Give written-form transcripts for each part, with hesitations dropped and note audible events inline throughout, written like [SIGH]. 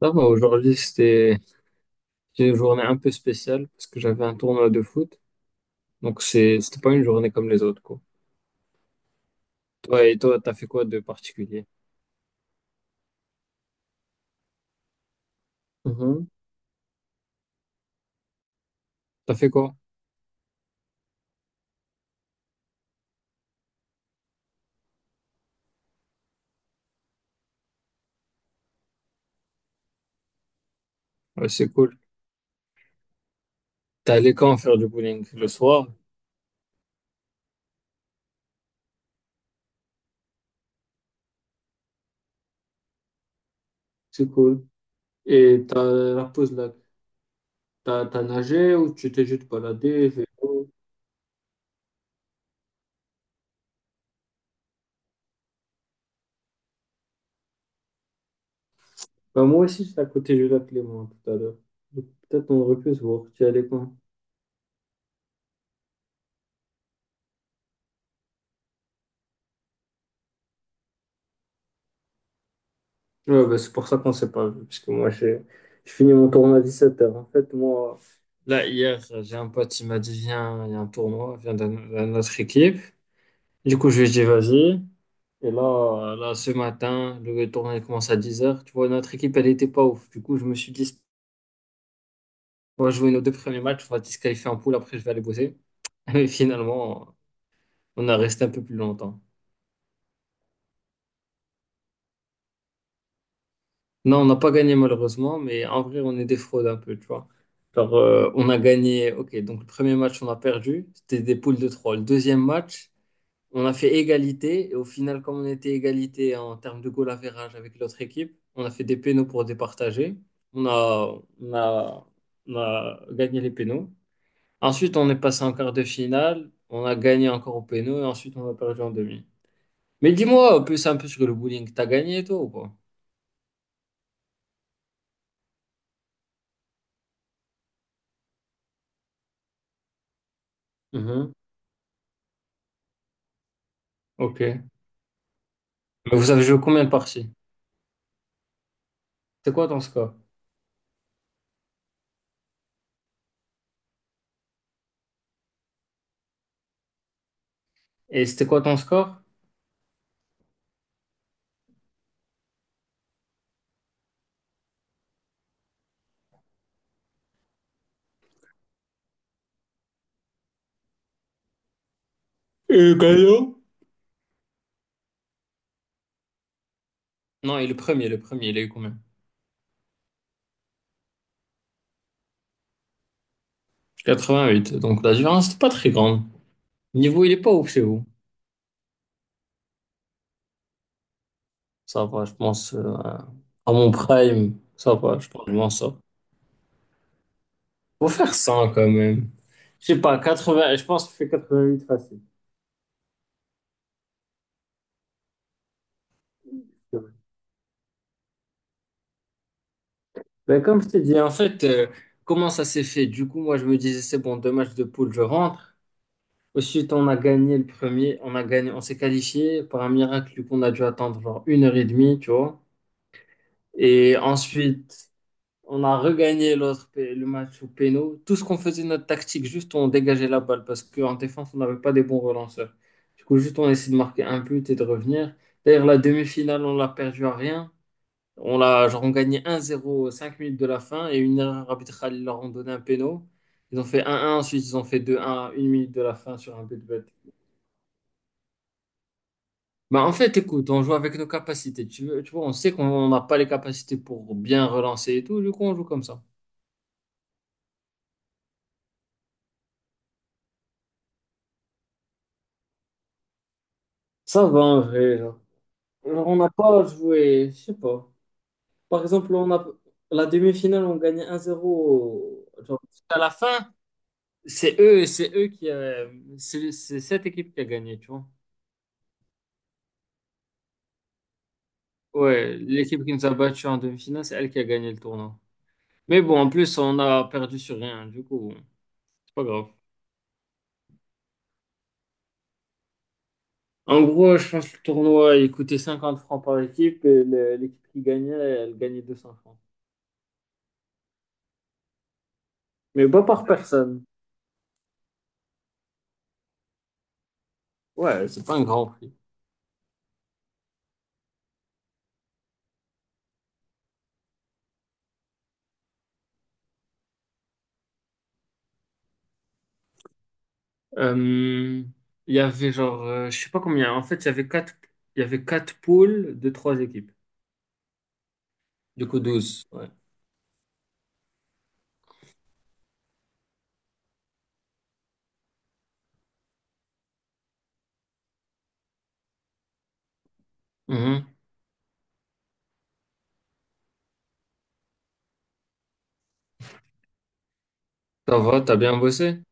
Ça va, aujourd'hui, c'était une journée un peu spéciale parce que j'avais un tournoi de foot. Donc, c'était pas une journée comme les autres, quoi. T'as fait quoi de particulier? Mhm. T'as fait quoi? Ouais, c'est cool. T'es allé quand faire du bowling? Le soir? C'est cool. Et t'as la pause là, t'as nagé ou tu t'es juste baladé? Vélo. Bah, moi aussi, j'étais à côté du lac Léman tout à l'heure. Donc, peut-être on aurait pu se voir. Tu y allais quand? Ouais, bah, c'est pour ça qu'on s'est pas vu, parce que moi, j'ai je finis mon tournoi à 17 heures. En fait, moi, là, hier, j'ai un pote, il m'a dit, viens, il y a un tournoi, viens dans notre équipe. Du coup, je lui ai dit, vas-y. Et là, là, ce matin, le tournoi il commence à 10 heures. Tu vois, notre équipe, elle était pas ouf. Du coup, je me suis dit, on va jouer nos deux premiers matchs, on va se disqualifier en poule, après, je vais aller bosser. [LAUGHS] Et finalement, on a resté un peu plus longtemps. Non, on n'a pas gagné malheureusement, mais en vrai, on est des fraudes un peu, tu vois. Genre, on a gagné, ok, donc le premier match, on a perdu, c'était des poules de trois. Le deuxième match, on a fait égalité, et au final, comme on était égalité en termes de goal average avec l'autre équipe, on a fait des pénaux pour départager. On a, on a, on a gagné les pénaux. Ensuite, on est passé en quart de finale, on a gagné encore au pénaux, et ensuite, on a perdu en demi. Mais dis-moi, plus un peu sur le bowling, t'as gagné toi ou pas? Mhm. Ok. Mais vous avez joué combien de parties? C'était quoi ton score? Et c'était quoi ton score? Et gagnant? Non, et le premier, il a eu combien? Huit. Donc la différence, c'est pas très grande. Le niveau, il est pas ouf chez vous. Ça va, je pense. À mon prime, ça va, je pense que je m'en sors. Faut faire 100 quand même. Je sais pas, 80, je pense que je fais huit facile. Ben, comme je t'ai dit, en fait, comment ça s'est fait? Du coup, moi, je me disais, c'est bon, deux matchs de poule, je rentre. Ensuite, on a gagné le premier, on a gagné, on s'est qualifié par un miracle qu'on a dû attendre genre une heure et demie, tu vois. Et ensuite, on a regagné l'autre, le match au péno. Tout ce qu'on faisait, notre tactique, juste on dégageait la balle parce qu'en défense, on n'avait pas des bons relanceurs. Du coup, juste on essayait de marquer un but et de revenir. D'ailleurs, la demi-finale, on l'a perdue à rien. On l'a, genre, on gagnait 1-0 aux 5 minutes de la fin et une erreur arbitrale, ils leur ont donné un péno. Ils ont fait 1-1, ensuite ils ont fait 2-1 à 1 minute de la fin sur un but bête. Bah en fait, écoute, on joue avec nos capacités. Tu veux, tu vois, on sait qu'on n'a pas les capacités pour bien relancer et tout, du coup, on joue comme ça. Ça va en vrai, genre. Genre, on n'a pas joué, je sais pas. Par exemple, on a la demi-finale, on gagnait 1-0. Genre, à la fin, c'est eux qui c'est cette équipe qui a gagné, tu vois. Ouais, l'équipe qui nous a battus en demi-finale, c'est elle qui a gagné le tournoi. Mais bon, en plus, on a perdu sur rien, du coup, bon, c'est pas grave. En gros, je pense que le tournoi, il coûtait 50 francs par équipe et l'équipe qui gagnait, elle gagnait 200 francs. Mais pas par personne. Ouais, c'est pas un grand prix. Euh, il y avait genre, je sais pas combien. En fait, il y avait quatre poules de trois équipes. Du coup, 12. Ouais. Mhm. Ça va, t'as bien bossé?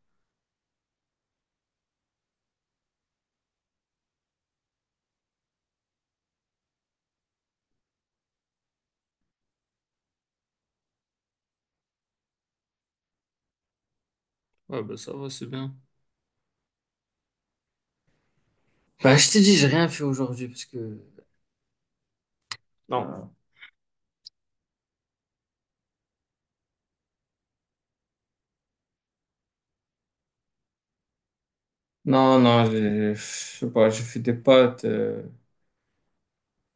Ouais, bah ça va, c'est bien. Bah, je t'ai dit, j'ai rien fait aujourd'hui parce que... Ah. Non. Non, non, je sais pas,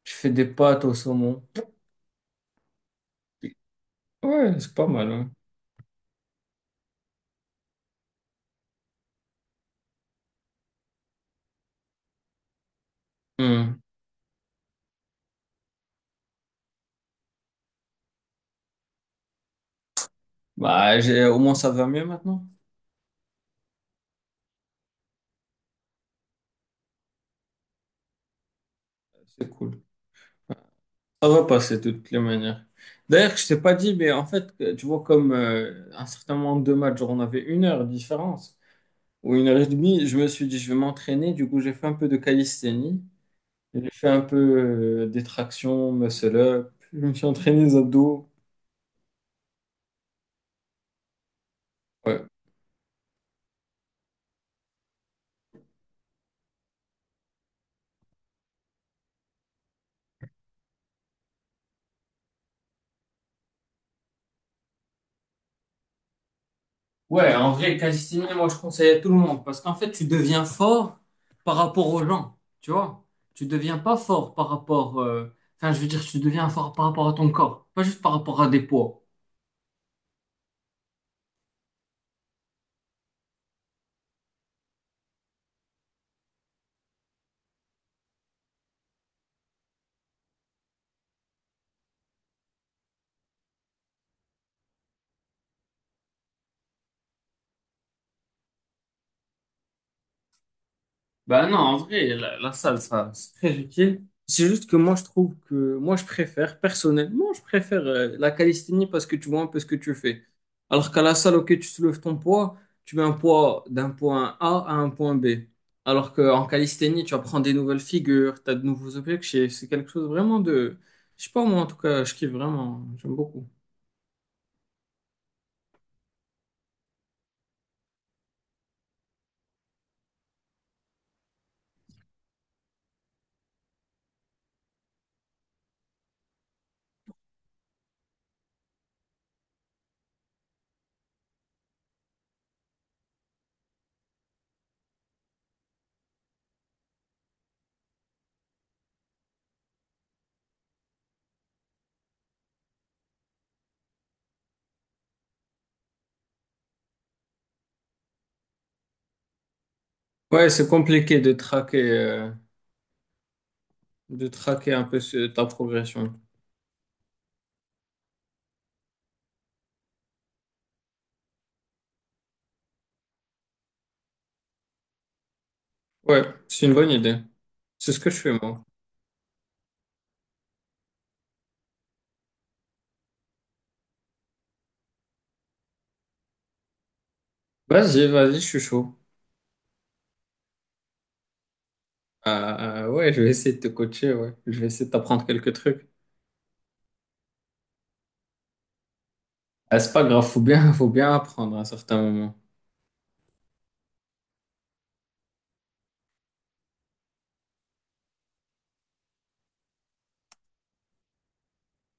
je fais des pâtes au saumon. Ouais, c'est pas mal. Hmm. Bah, au moins ça va mieux maintenant. C'est cool. Ça va passer de toutes les manières. D'ailleurs, je t'ai pas dit, mais en fait, tu vois, comme un certain nombre de matchs, genre on avait une heure de différence ou une heure et demie, je me suis dit, je vais m'entraîner. Du coup, j'ai fait un peu de calisthénie. J'ai fait un peu des tractions, muscle up. Je me suis entraîné les abdos. Ouais. Ouais, en vrai, calisthénie, moi, je conseille à tout le monde parce qu'en fait, tu deviens fort par rapport aux gens, tu vois. Tu deviens pas fort par rapport, enfin, je veux dire, tu deviens fort par rapport à ton corps, pas juste par rapport à des poids. Bah non, en vrai, la salle, ça, c'est très utile. C'est juste que moi, je trouve que moi, je préfère, personnellement, je préfère la calisthénie parce que tu vois un peu ce que tu fais. Alors qu'à la salle, ok, tu soulèves ton poids, tu mets un poids d'un point A à un point B. Alors qu'en calisthénie, tu apprends des nouvelles figures, tu as de nouveaux objets, c'est quelque chose vraiment de... Je sais pas, moi, en tout cas, je kiffe vraiment, j'aime beaucoup. Ouais, c'est compliqué de traquer, de traquer un peu ta progression. Ouais, c'est une bonne idée. C'est ce que je fais, moi. Vas-y, vas-y, je suis chaud. Euh, ouais, je vais essayer de te coacher, ouais. Je vais essayer de t'apprendre quelques trucs. Ah, c'est pas grave, faut bien apprendre à un certain moment.